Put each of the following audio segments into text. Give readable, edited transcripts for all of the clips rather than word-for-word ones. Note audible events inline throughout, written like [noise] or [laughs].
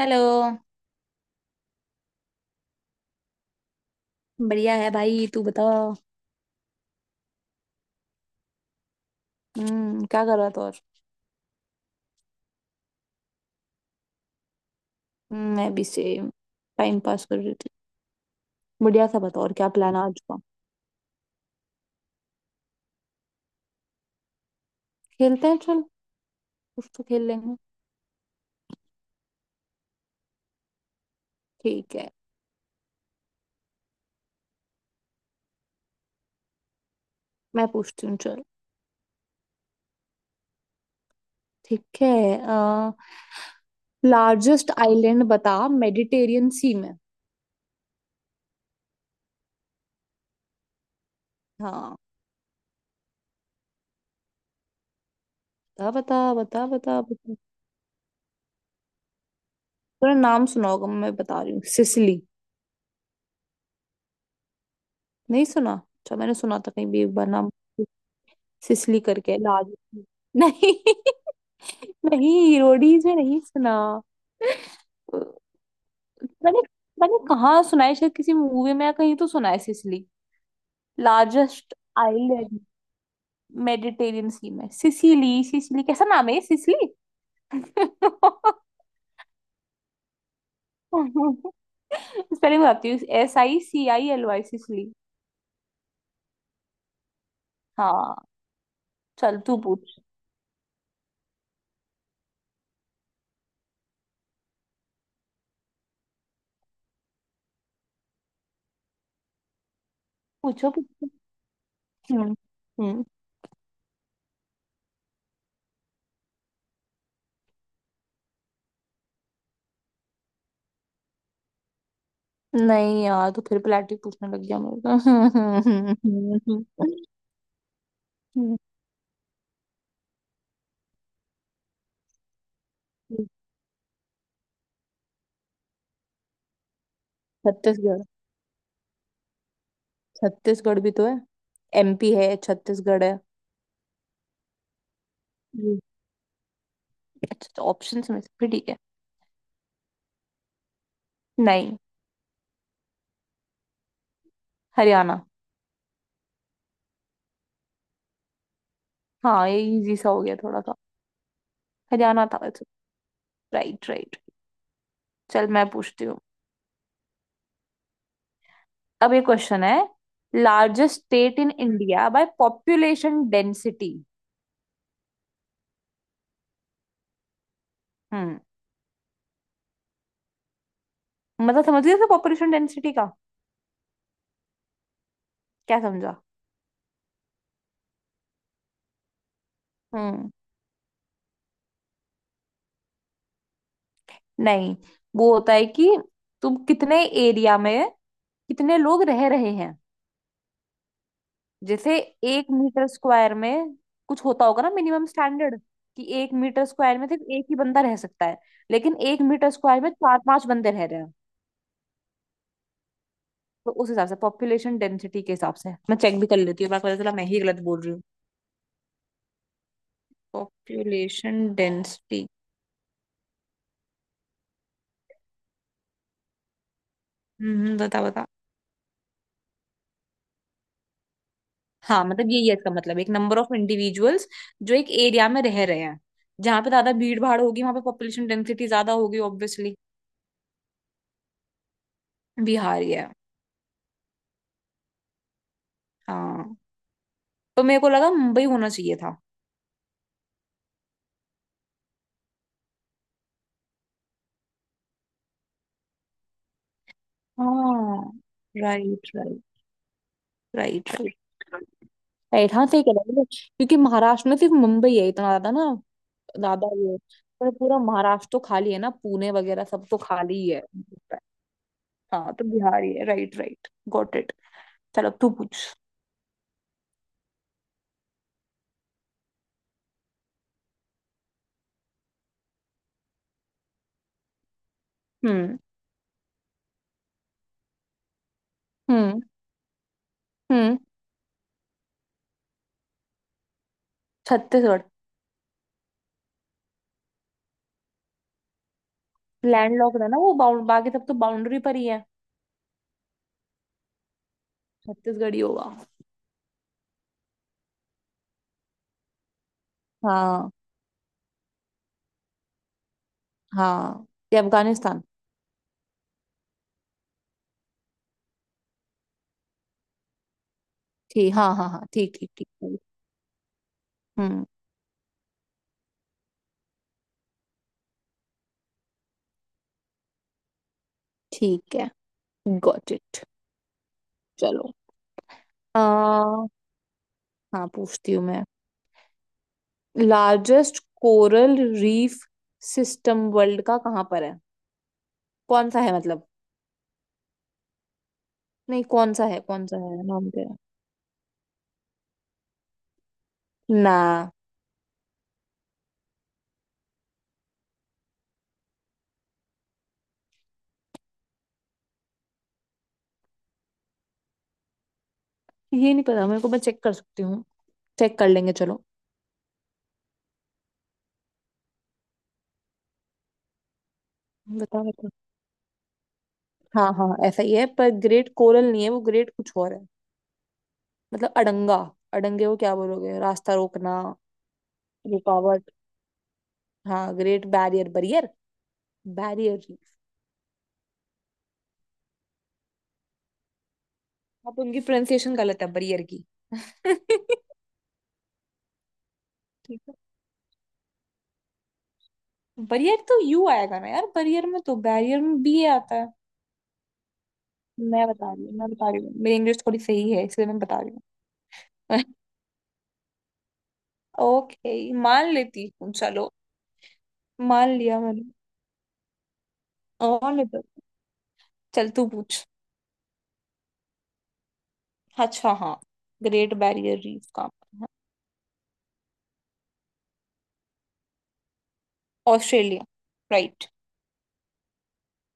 Hello. बढ़िया है भाई, तू बता। हम्म, क्या कर रहा था और? मैं भी सेम टाइम पास कर रही थी। बढ़िया सा बता, और क्या प्लान है आज का? खेलते हैं चल, कुछ तो खेल लेंगे। ठीक है, मैं पूछती हूँ चल। ठीक है। आ, लार्जेस्ट आइलैंड बता मेडिटेरियन सी में। हाँ, बता बता बता बता बता। तेरा नाम सुना होगा, मैं बता रही हूँ, सिसिली। नहीं सुना? अच्छा, मैंने सुना था कहीं भी एक बार नाम, सिसिली करके, लार्जेस्ट। नहीं [laughs] नहीं, रोडीज में नहीं सुना। मैंने मैंने कहाँ सुना है, शायद किसी मूवी में या कहीं तो सुना है Sicily. Largest island Mediterranean sea में सिसिली। सिसिली कैसा नाम है ये, सिसिली। स्पेलिंग बताती हूँ, S I C I L Y, Sicily. हाँ, चल तू पूछ। पूछो पूछो। हम्म हम्म। नहीं यार, तो फिर प्लेटिव पूछने लग गया मेरे को [laughs] छत्तीसगढ़। छत्तीसगढ़ भी तो है, एमपी है, छत्तीसगढ़ है। हम्म, अच्छा, ऑप्शन में से फिर ठीक है। नहीं। हरियाणा। हाँ, ये इजी सा हो गया थोड़ा सा। हरियाणा था वैसे। Right right. चल मैं पूछती हूँ। अब ये क्वेश्चन है, largest state in India by population density. हम्म। मतलब समझ गए पॉपुलेशन डेंसिटी का? क्या समझा? हम्म। नहीं, वो होता है कि तुम कितने एरिया में कितने लोग रह रहे हैं। जैसे एक मीटर स्क्वायर में कुछ होता होगा ना मिनिमम स्टैंडर्ड, कि एक मीटर स्क्वायर में सिर्फ एक ही बंदा रह सकता है, लेकिन एक मीटर स्क्वायर में चार पांच बंदे रह रहे हैं। तो उस हिसाब से, पॉपुलेशन डेंसिटी के हिसाब से, मैं चेक भी कर लेती हूँ, मैं पता चला मैं ही गलत बोल रही हूँ। Population density. बता बता। हाँ मतलब यही है इसका मतलब, एक नंबर ऑफ इंडिविजुअल्स जो एक एरिया में रह रहे हैं। जहां पे ज्यादा भीड़ भाड़ होगी वहां पे पॉपुलेशन डेंसिटी ज्यादा होगी ऑब्वियसली। बिहार ही है। हाँ, तो मेरे को लगा मुंबई होना चाहिए था। हाँ। Right right. Right right. Right, हाँ सही कह रहे हो, क्योंकि महाराष्ट्र में सिर्फ मुंबई है इतना ज्यादा ना, ज्यादा ये। पर पूरा महाराष्ट्र तो खाली है ना, पुणे वगैरह सब तो खाली ही है। हाँ तो बिहार ही है। Right right, got it. चलो अब तू पूछ। हम्म हम्म हम्म। छत्तीसगढ़। लैंड लॉक है ना वो बाउंड, बाकी सब तो बाउंड्री पर ही है। छत्तीसगढ़ ही होगा। हाँ। हाँ, ये अफगानिस्तान। ठीक, हाँ हाँ हाँ, ठीक ठीक ठीक ठीक। हम्म। ठीक है, गॉट इट। चलो। हाँ, पूछती हूँ मैं। Largest coral reef system world का कहाँ पर है? कौन सा है मतलब? नहीं, कौन सा है, कौन सा है, नाम क्या है? ना। ये नहीं पता मेरे को, मैं चेक कर सकती हूँ। चेक कर लेंगे, चलो। बता बता। हाँ हाँ ऐसा ही है, पर ग्रेट कोरल नहीं है वो, ग्रेट कुछ और है। मतलब अड़ंगा, अड़ंगे को क्या बोलोगे, रास्ता रोकना, रुकावट। हाँ, great barrier barrier, barrier reef. अब उनकी प्रोनाउंसिएशन गलत है बरियर की [laughs] ठीक है। बरियर तो यू आएगा ना यार बरियर में, तो बैरियर में बी आता है। मैं बता रही हूँ, मेरी इंग्लिश थोड़ी सही है, इसलिए मैं बता रही हूँ। [laughs] ओके, मान लेती हूँ, चलो। मान लिया मैंने। और नहीं तो, चल तू पूछ। अच्छा हाँ, ग्रेट बैरियर रीफ का, ऑस्ट्रेलिया, राइट।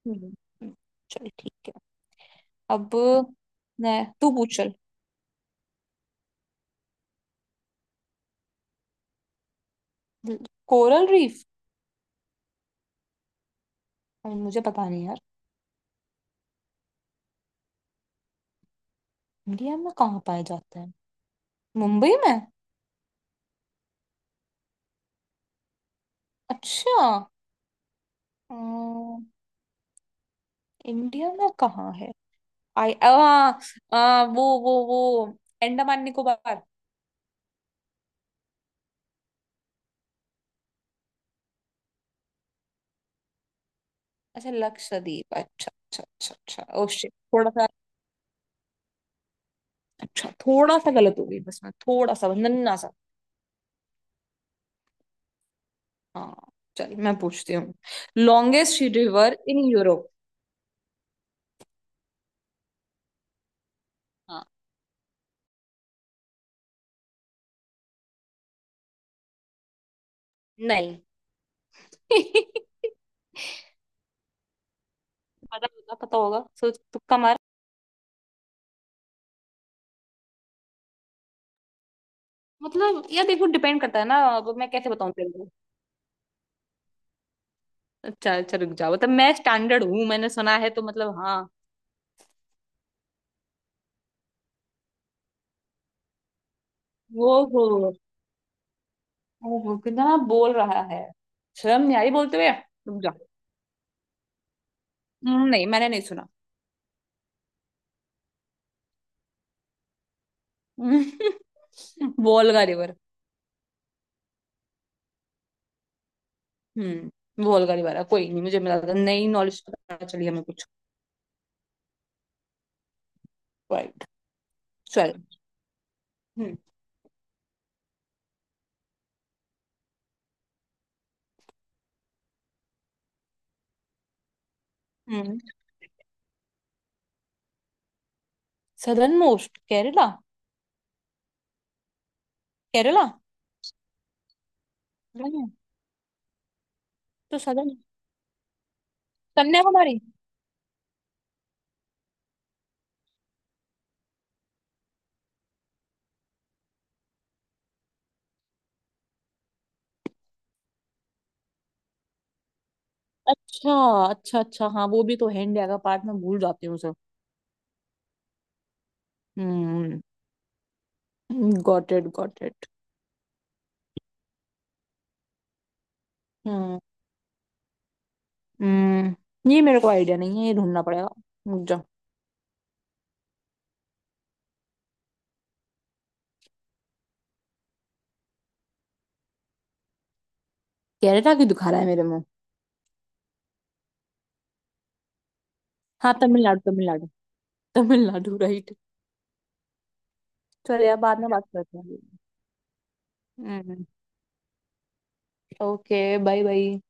हम्म, चल ठीक है। अब मैं, तू पूछ चल। Coral reef. अरे मुझे पता नहीं यार। इंडिया में कहाँ पाया जाता है? मुंबई में। अच्छा। इंडिया में कहाँ है? आई आ, आ, वो अंडमान निकोबार। अच्छा लक्षद्वीप, अच्छा अच्छा अच्छा अच्छा, ओ शिट, थोड़ा सा। अच्छा थोड़ा सा गलत हो गई बस, मैं थोड़ा सा बस नन्ना सा। हाँ, चल मैं पूछती हूँ। Longest river in Europe. हाँ। नहीं [laughs] पता होगा पता होगा, सोच, तुक्का मार। मतलब यार देखो, डिपेंड करता है ना, अब मैं कैसे बताऊं तेरे को। अच्छा अच्छा रुक जाओ, मतलब मैं स्टैंडर्ड हूँ, मैंने सुना है तो मतलब हाँ। वो हो, ओहो, कितना बोल रहा है, शर्म नहीं आई बोलते हुए, रुक जा। नहीं मैंने नहीं सुना। हम्म, [laughs] वोल्गा रिवर। हम्म, वोल्गा रिवर है, कोई नहीं, मुझे मिला था, नई नॉलेज पता चली हमें कुछ। राइट। चल। हम्म हम्म। Southernmost Kerala. केरला। नहीं। तो सदर्न, कन्याकुमारी। अच्छा अच्छा अच्छा, हाँ वो भी तो है इंडिया का पार्ट, मैं भूल जाती हूँ उसे। हम्म। Got it got it. हम्म हम्म, ये मेरे को आइडिया नहीं है, ये ढूंढना पड़ेगा। रुक जा। केरला क्यों दिखा रहा है मेरे मुंह। हाँ तमिलनाडु, तमिलनाडु, तमिलनाडु, राइट। चल यार, बाद में बात करते हैं। हम्म, ओके बाय बाय।